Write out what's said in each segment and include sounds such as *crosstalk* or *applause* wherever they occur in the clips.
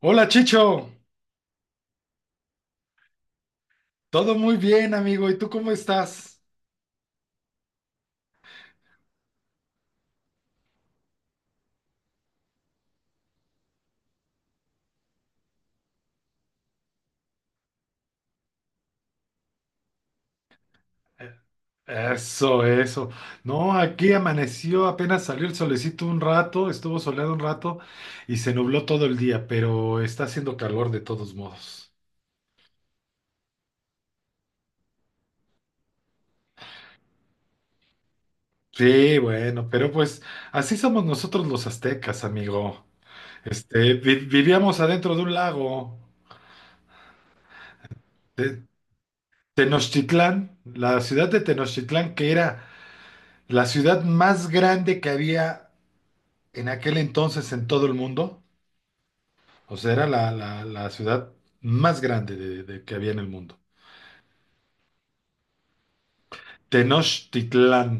Hola Chicho, todo muy bien amigo, ¿y tú cómo estás? Eh, Eso, eso. No, aquí amaneció, apenas salió el solecito un rato, estuvo soleado un rato y se nubló todo el día, pero está haciendo calor de todos modos. Sí, bueno, pero pues así somos nosotros los aztecas, amigo. Vivíamos adentro de un lago, de Tenochtitlán, la ciudad de Tenochtitlán, que era la ciudad más grande que había en aquel entonces en todo el mundo, o sea, era la ciudad más grande que había en el mundo. Tenochtitlán,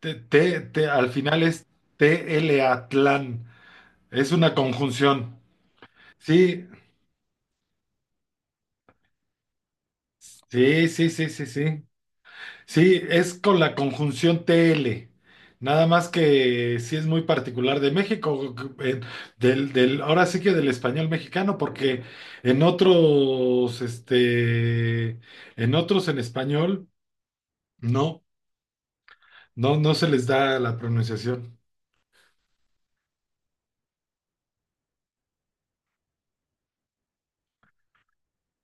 Al final es TLA-tlán, es una conjunción. Sí, sí. Sí, es con la conjunción TL. Nada más que sí es muy particular de México, eh, ahora sí que del español mexicano, porque en otros, en otros en español, no, no se les da la pronunciación.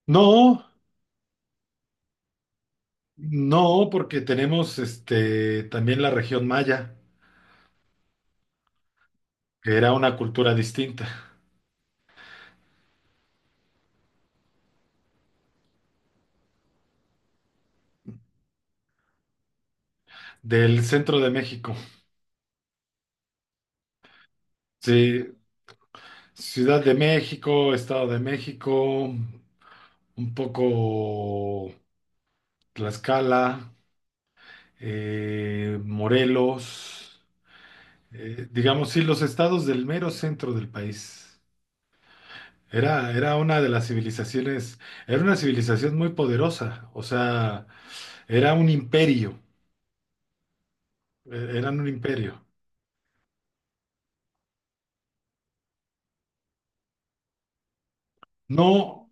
No, no, porque tenemos este también la región maya, que era una cultura distinta, del centro de México. Sí, Ciudad de México, Estado de México, un poco Tlaxcala, Morelos, digamos, sí, los estados del mero centro del país. Era una de las civilizaciones, era una civilización muy poderosa, o sea, era un imperio, eran un imperio. No,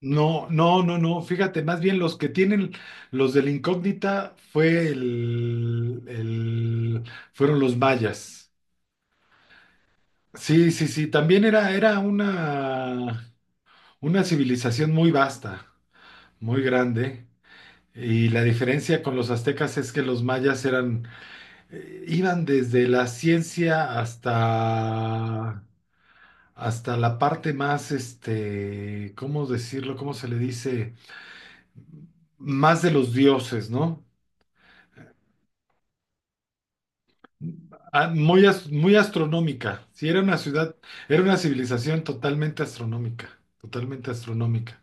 no, fíjate, más bien los que tienen, los de la incógnita fueron los mayas. Sí, sí, sí, también era una civilización muy vasta, muy grande, y la diferencia con los aztecas es que los mayas eran, iban desde la ciencia hasta, hasta la parte más, este, ¿cómo decirlo? ¿Cómo se le dice? Más de los dioses, ¿no? Ah, muy astronómica, sí, era una ciudad, era una civilización totalmente astronómica, totalmente astronómica.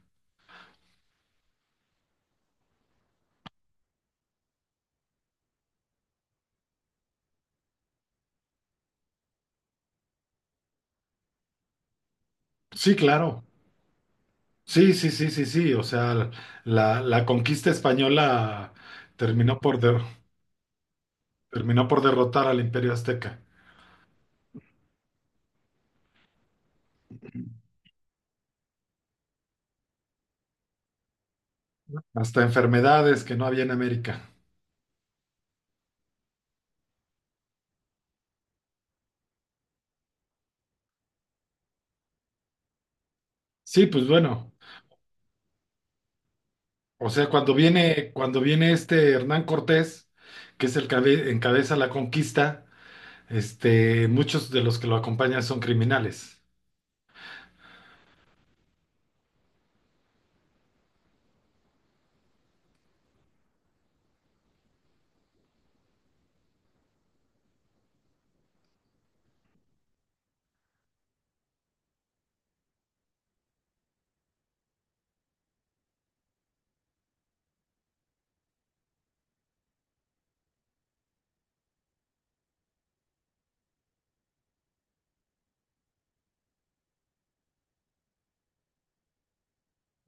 Sí, claro. Sí, sí, sí, sí, sí. O sea, la conquista española terminó por, der- terminó por derrotar al Imperio Azteca. Hasta enfermedades que no había en América. Sí, pues bueno. O sea, cuando viene este Hernán Cortés, que es el que encabeza la conquista, este, muchos de los que lo acompañan son criminales.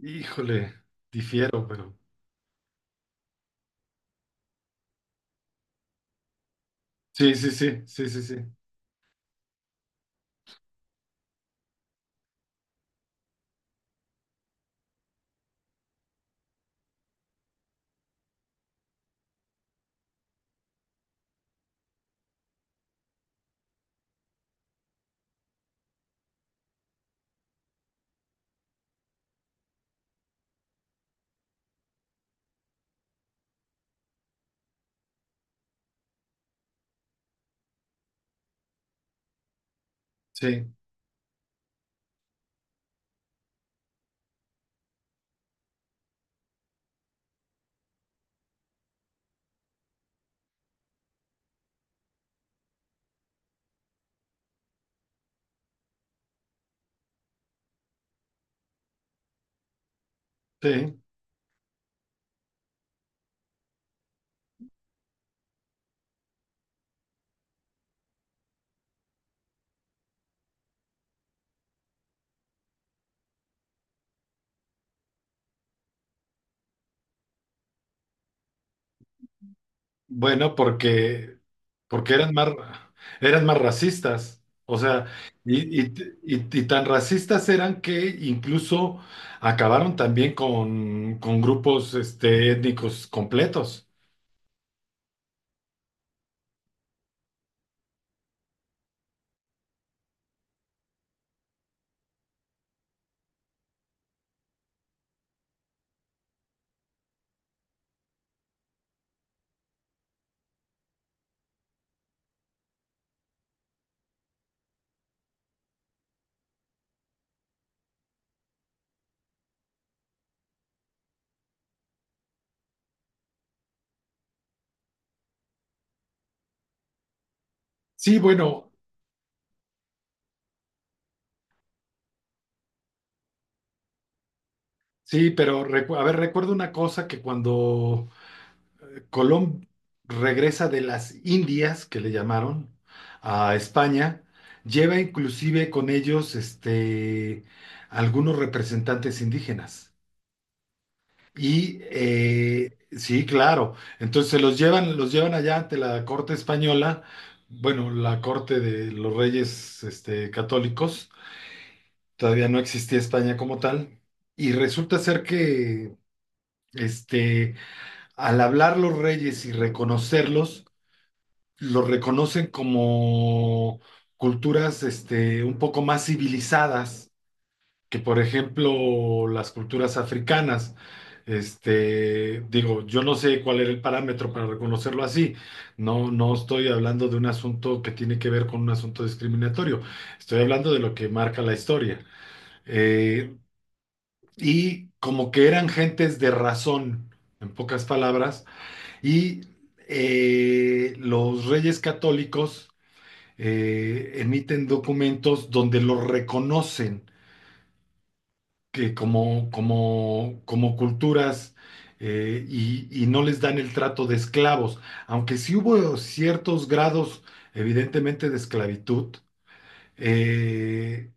Híjole, difiero, pero. Sí, sí, sí, sí, sí, sí. Sí, sí. Bueno, porque, porque eran más racistas. O sea, y, y- y tan racistas eran que incluso acabaron también con grupos este, étnicos completos. Sí, bueno, sí, a ver, recuerdo una cosa que cuando Colón regresa de las Indias, que le llamaron, a España, lleva inclusive con ellos este, algunos representantes indígenas. Y sí, claro. Entonces se los llevan allá ante la corte española, bueno, la corte de los reyes este, católicos. Todavía no existía España como tal. Y resulta ser que este, al hablar los reyes y reconocerlos, los reconocen como culturas este, un poco más civilizadas que por ejemplo las culturas africanas, este, digo, yo no sé cuál era el parámetro para reconocerlo así, no, no estoy hablando de un asunto que tiene que ver con un asunto discriminatorio, estoy hablando de lo que marca la historia. Eh, y como que eran gentes de razón, en pocas palabras, y los reyes católicos emiten documentos donde los reconocen que como culturas y no les dan el trato de esclavos, aunque sí hubo ciertos grados, evidentemente, de esclavitud, eh,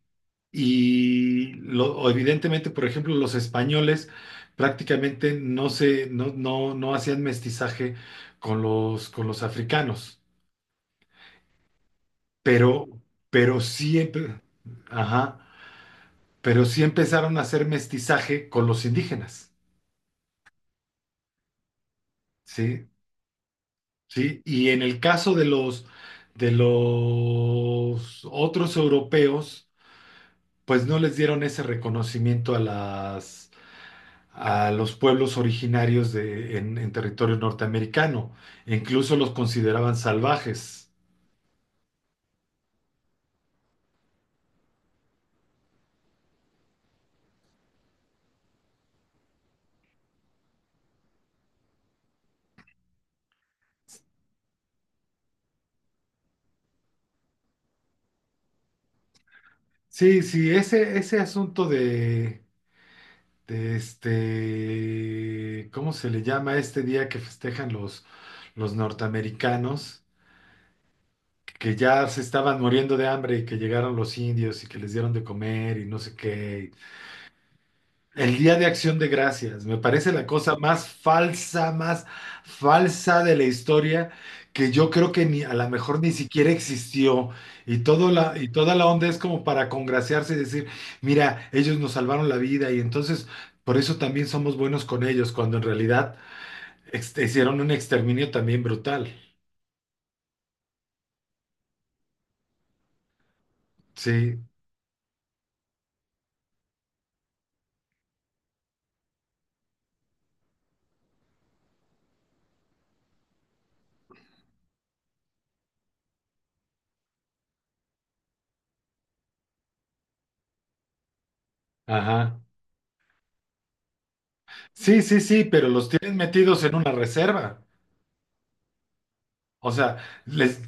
y lo- o evidentemente, por ejemplo, los españoles prácticamente no se, no, no, no hacían mestizaje con los africanos, pero, pero sí, empe- ajá, pero sí empezaron a hacer mestizaje con los indígenas. ¿Sí? ¿Sí? Y en el caso de los otros europeos, pues no les dieron ese reconocimiento a las, a los pueblos originarios en territorio norteamericano, e incluso los consideraban salvajes. Sí, sí, ese asunto de este, ¿cómo se le llama este día que festejan los norteamericanos? Que ya se estaban muriendo de hambre y que llegaron los indios y que les dieron de comer y no sé qué. El Día de Acción de Gracias, me parece la cosa más falsa de la historia, que yo creo que ni a lo mejor ni siquiera existió. Y, todo la, y toda la onda es como para congraciarse y decir, mira, ellos nos salvaron la vida y entonces por eso también somos buenos con ellos, cuando en realidad hicieron un exterminio también brutal. Sí, ajá. Sí, sí, sí, pero los tienen metidos en una reserva. O sea, les,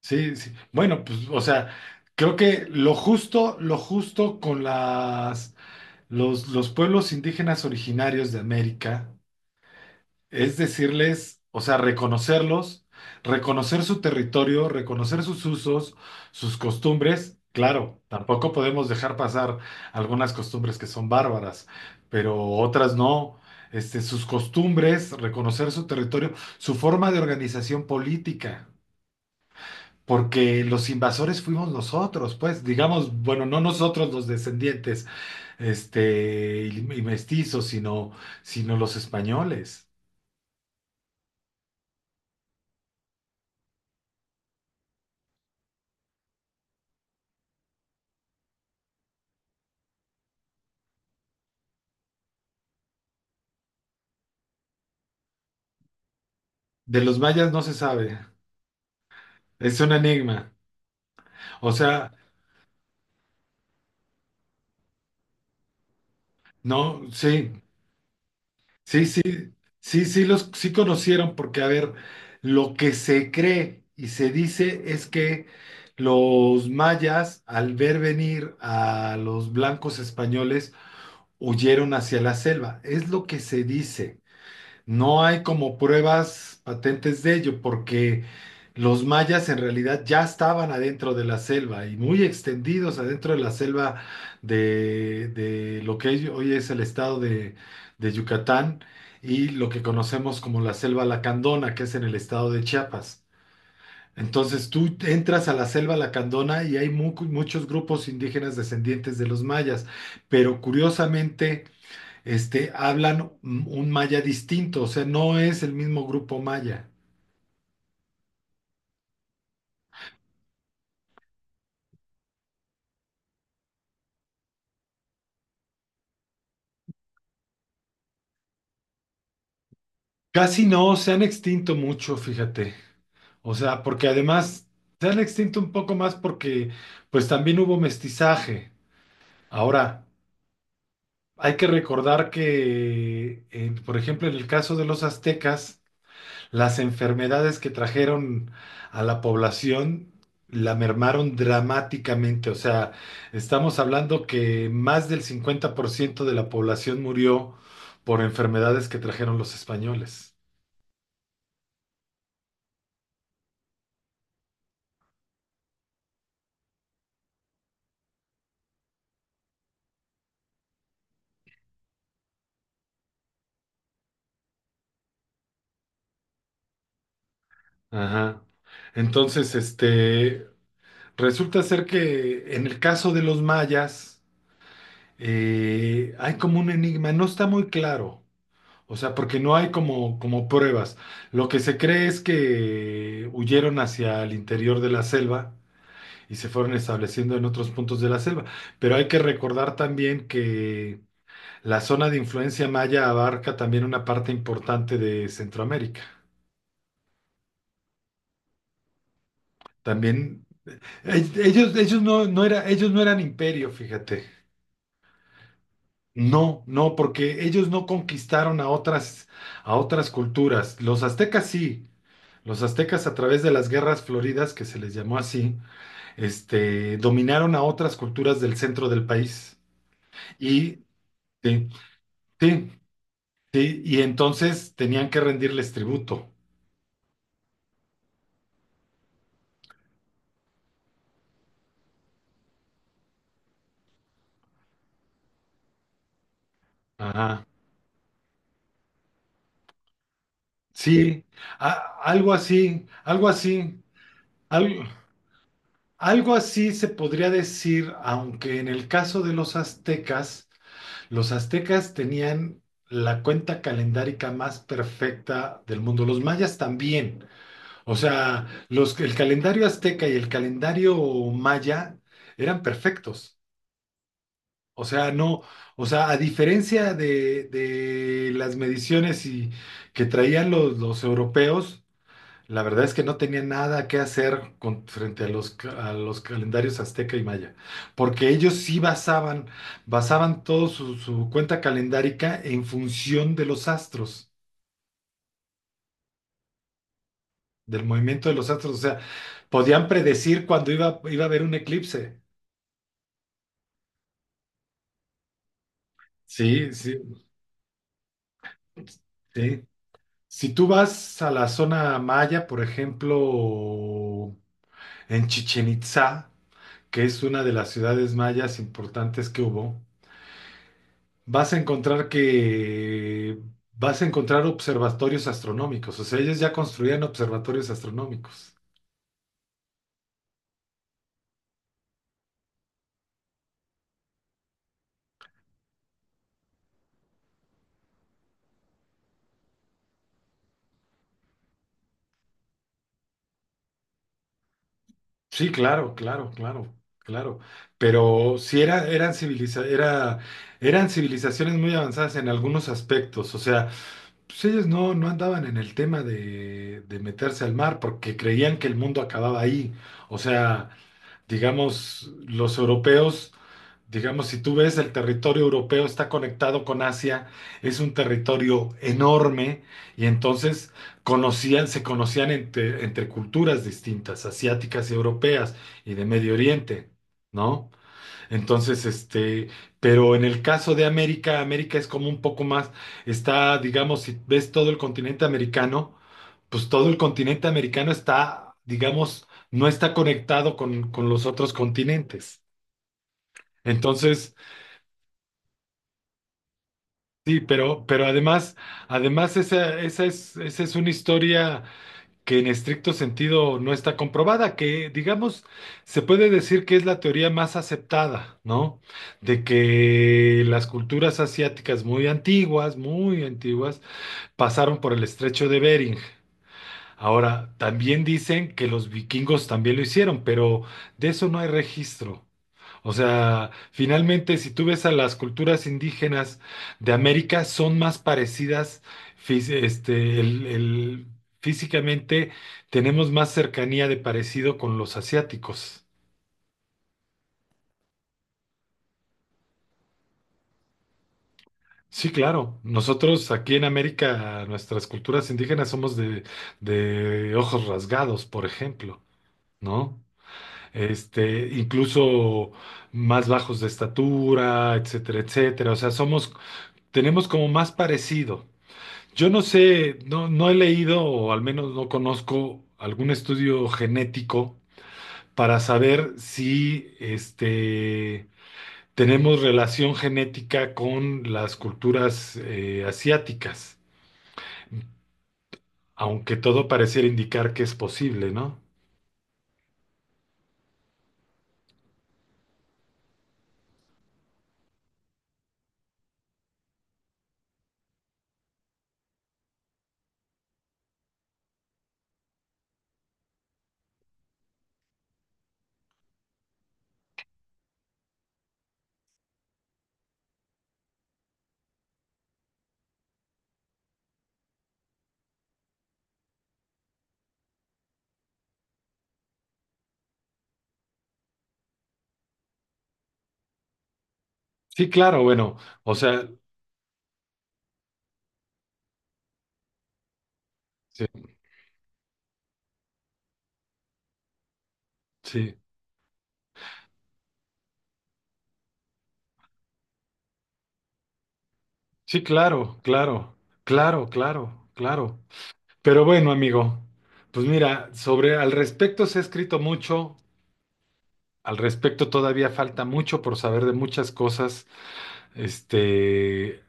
sí, sí. Bueno, pues, o sea, creo que lo justo con las, los pueblos indígenas originarios de América es decirles, o sea, reconocerlos, reconocer su territorio, reconocer sus usos, sus costumbres. Claro, tampoco podemos dejar pasar algunas costumbres que son bárbaras, pero otras no. Este, sus costumbres, reconocer su territorio, su forma de organización política, porque los invasores fuimos nosotros, pues, digamos, bueno, no nosotros los descendientes, este, y mestizos, sino los españoles. De los mayas no se sabe. Es un enigma. O sea, no, sí, sí, sí, sí los sí conocieron porque, a ver, lo que se cree y se dice es que los mayas, al ver venir a los blancos españoles, huyeron hacia la selva. Es lo que se dice. No hay como pruebas patentes de ello, porque los mayas en realidad ya estaban adentro de la selva y muy extendidos adentro de la selva de lo que hoy es el estado de Yucatán y lo que conocemos como la selva lacandona, que es en el estado de Chiapas. Entonces tú entras a la selva lacandona y hay muchos grupos indígenas descendientes de los mayas, pero curiosamente este, hablan un maya distinto, o sea, no es el mismo grupo maya. Casi no, se han extinto mucho, fíjate. O sea, porque además se han extinto un poco más porque pues también hubo mestizaje. Ahora, hay que recordar que, por ejemplo, en el caso de los aztecas, las enfermedades que trajeron a la población la mermaron dramáticamente. O sea, estamos hablando que más del 50% de la población murió por enfermedades que trajeron los españoles. Ajá. Entonces, este, resulta ser que en el caso de los mayas, hay como un enigma, no está muy claro. O sea, porque no hay como, como pruebas. Lo que se cree es que huyeron hacia el interior de la selva y se fueron estableciendo en otros puntos de la selva. Pero hay que recordar también que la zona de influencia maya abarca también una parte importante de Centroamérica. También ellos, ellos no, no era, ellos no eran imperio, fíjate. No, no, porque ellos no conquistaron a otras culturas. Los aztecas sí. Los aztecas a través de las guerras floridas, que se les llamó así, este, dominaron a otras culturas del centro del país. Y sí, sí, sí, y entonces tenían que rendirles tributo. Ajá. Sí, algo así, algo así, al- algo así se podría decir, aunque en el caso de los aztecas los aztecas tenían la cuenta calendárica más perfecta del mundo. Los mayas también. O sea, los, el calendario azteca y el calendario maya eran perfectos. O sea, no, o sea, a diferencia de las mediciones y, que traían los europeos, la verdad es que no tenía nada que hacer frente a los, a los calendarios azteca y maya, porque ellos sí basaban, basaban todo su, su cuenta calendárica en función de los astros, del movimiento de los astros, o sea, podían predecir cuando iba, iba a haber un eclipse. Sí, sí, sí. Si tú vas a la zona maya, por ejemplo, en Chichen Itzá, que es una de las ciudades mayas importantes que hubo, vas a encontrar que vas a encontrar observatorios astronómicos. O sea, ellos ya construían observatorios astronómicos. Sí, claro, claro, claro, claro. Pero sí eran civilizaciones muy avanzadas en algunos aspectos. O sea, pues ellos no, no andaban en el tema de meterse al mar porque creían que el mundo acababa ahí. O sea, digamos, los europeos, digamos, si tú ves el territorio europeo está conectado con Asia, es un territorio enorme y entonces conocían, se conocían entre, entre culturas distintas, asiáticas y europeas y de Medio Oriente, ¿no? Entonces, este, pero en el caso de América, América es como un poco más, está, digamos, si ves todo el continente americano, pues todo el continente americano está, digamos, no está conectado con los otros continentes. Entonces, sí, pero además, además esa, esa es una historia que en estricto sentido no está comprobada, que digamos, se puede decir que es la teoría más aceptada, ¿no? De que las culturas asiáticas muy antiguas, pasaron por el estrecho de Bering. Ahora, también dicen que los vikingos también lo hicieron, pero de eso no hay registro. O sea, finalmente, si tú ves a las culturas indígenas de América, son más parecidas, este, físicamente tenemos más cercanía de parecido con los asiáticos. Sí, claro. Nosotros aquí en América, nuestras culturas indígenas somos de ojos rasgados, por ejemplo, ¿no? Este, incluso más bajos de estatura, etcétera, etcétera. O sea, somos, tenemos como más parecido. Yo no sé, no he leído o al menos no conozco algún estudio genético para saber si este, tenemos relación genética con las culturas asiáticas, aunque todo pareciera indicar que es posible, ¿no? Sí, claro, bueno, o sea, sí, sí, sí, claro. Pero bueno, amigo, pues mira, sobre al respecto se ha escrito mucho. Al respecto, todavía falta mucho por saber de muchas cosas, este,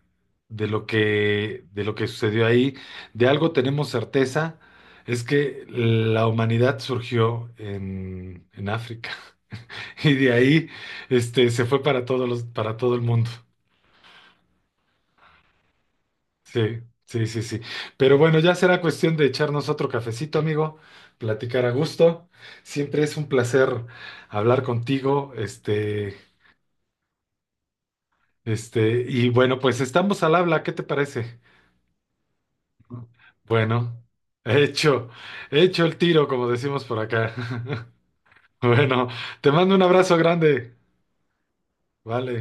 de lo que sucedió ahí. De algo tenemos certeza, es que la humanidad surgió en África *laughs* y de ahí, este, se fue para todos los, para todo el mundo. Sí, sí, sí, sí. Pero bueno, ya será cuestión de echarnos otro cafecito, amigo, platicar a gusto. Siempre es un placer hablar contigo, este. Este, y bueno, pues estamos al habla, ¿qué te parece? Bueno, *laughs* hecho, hecho el tiro, como decimos por acá. *laughs* Bueno, te mando un abrazo grande. Vale.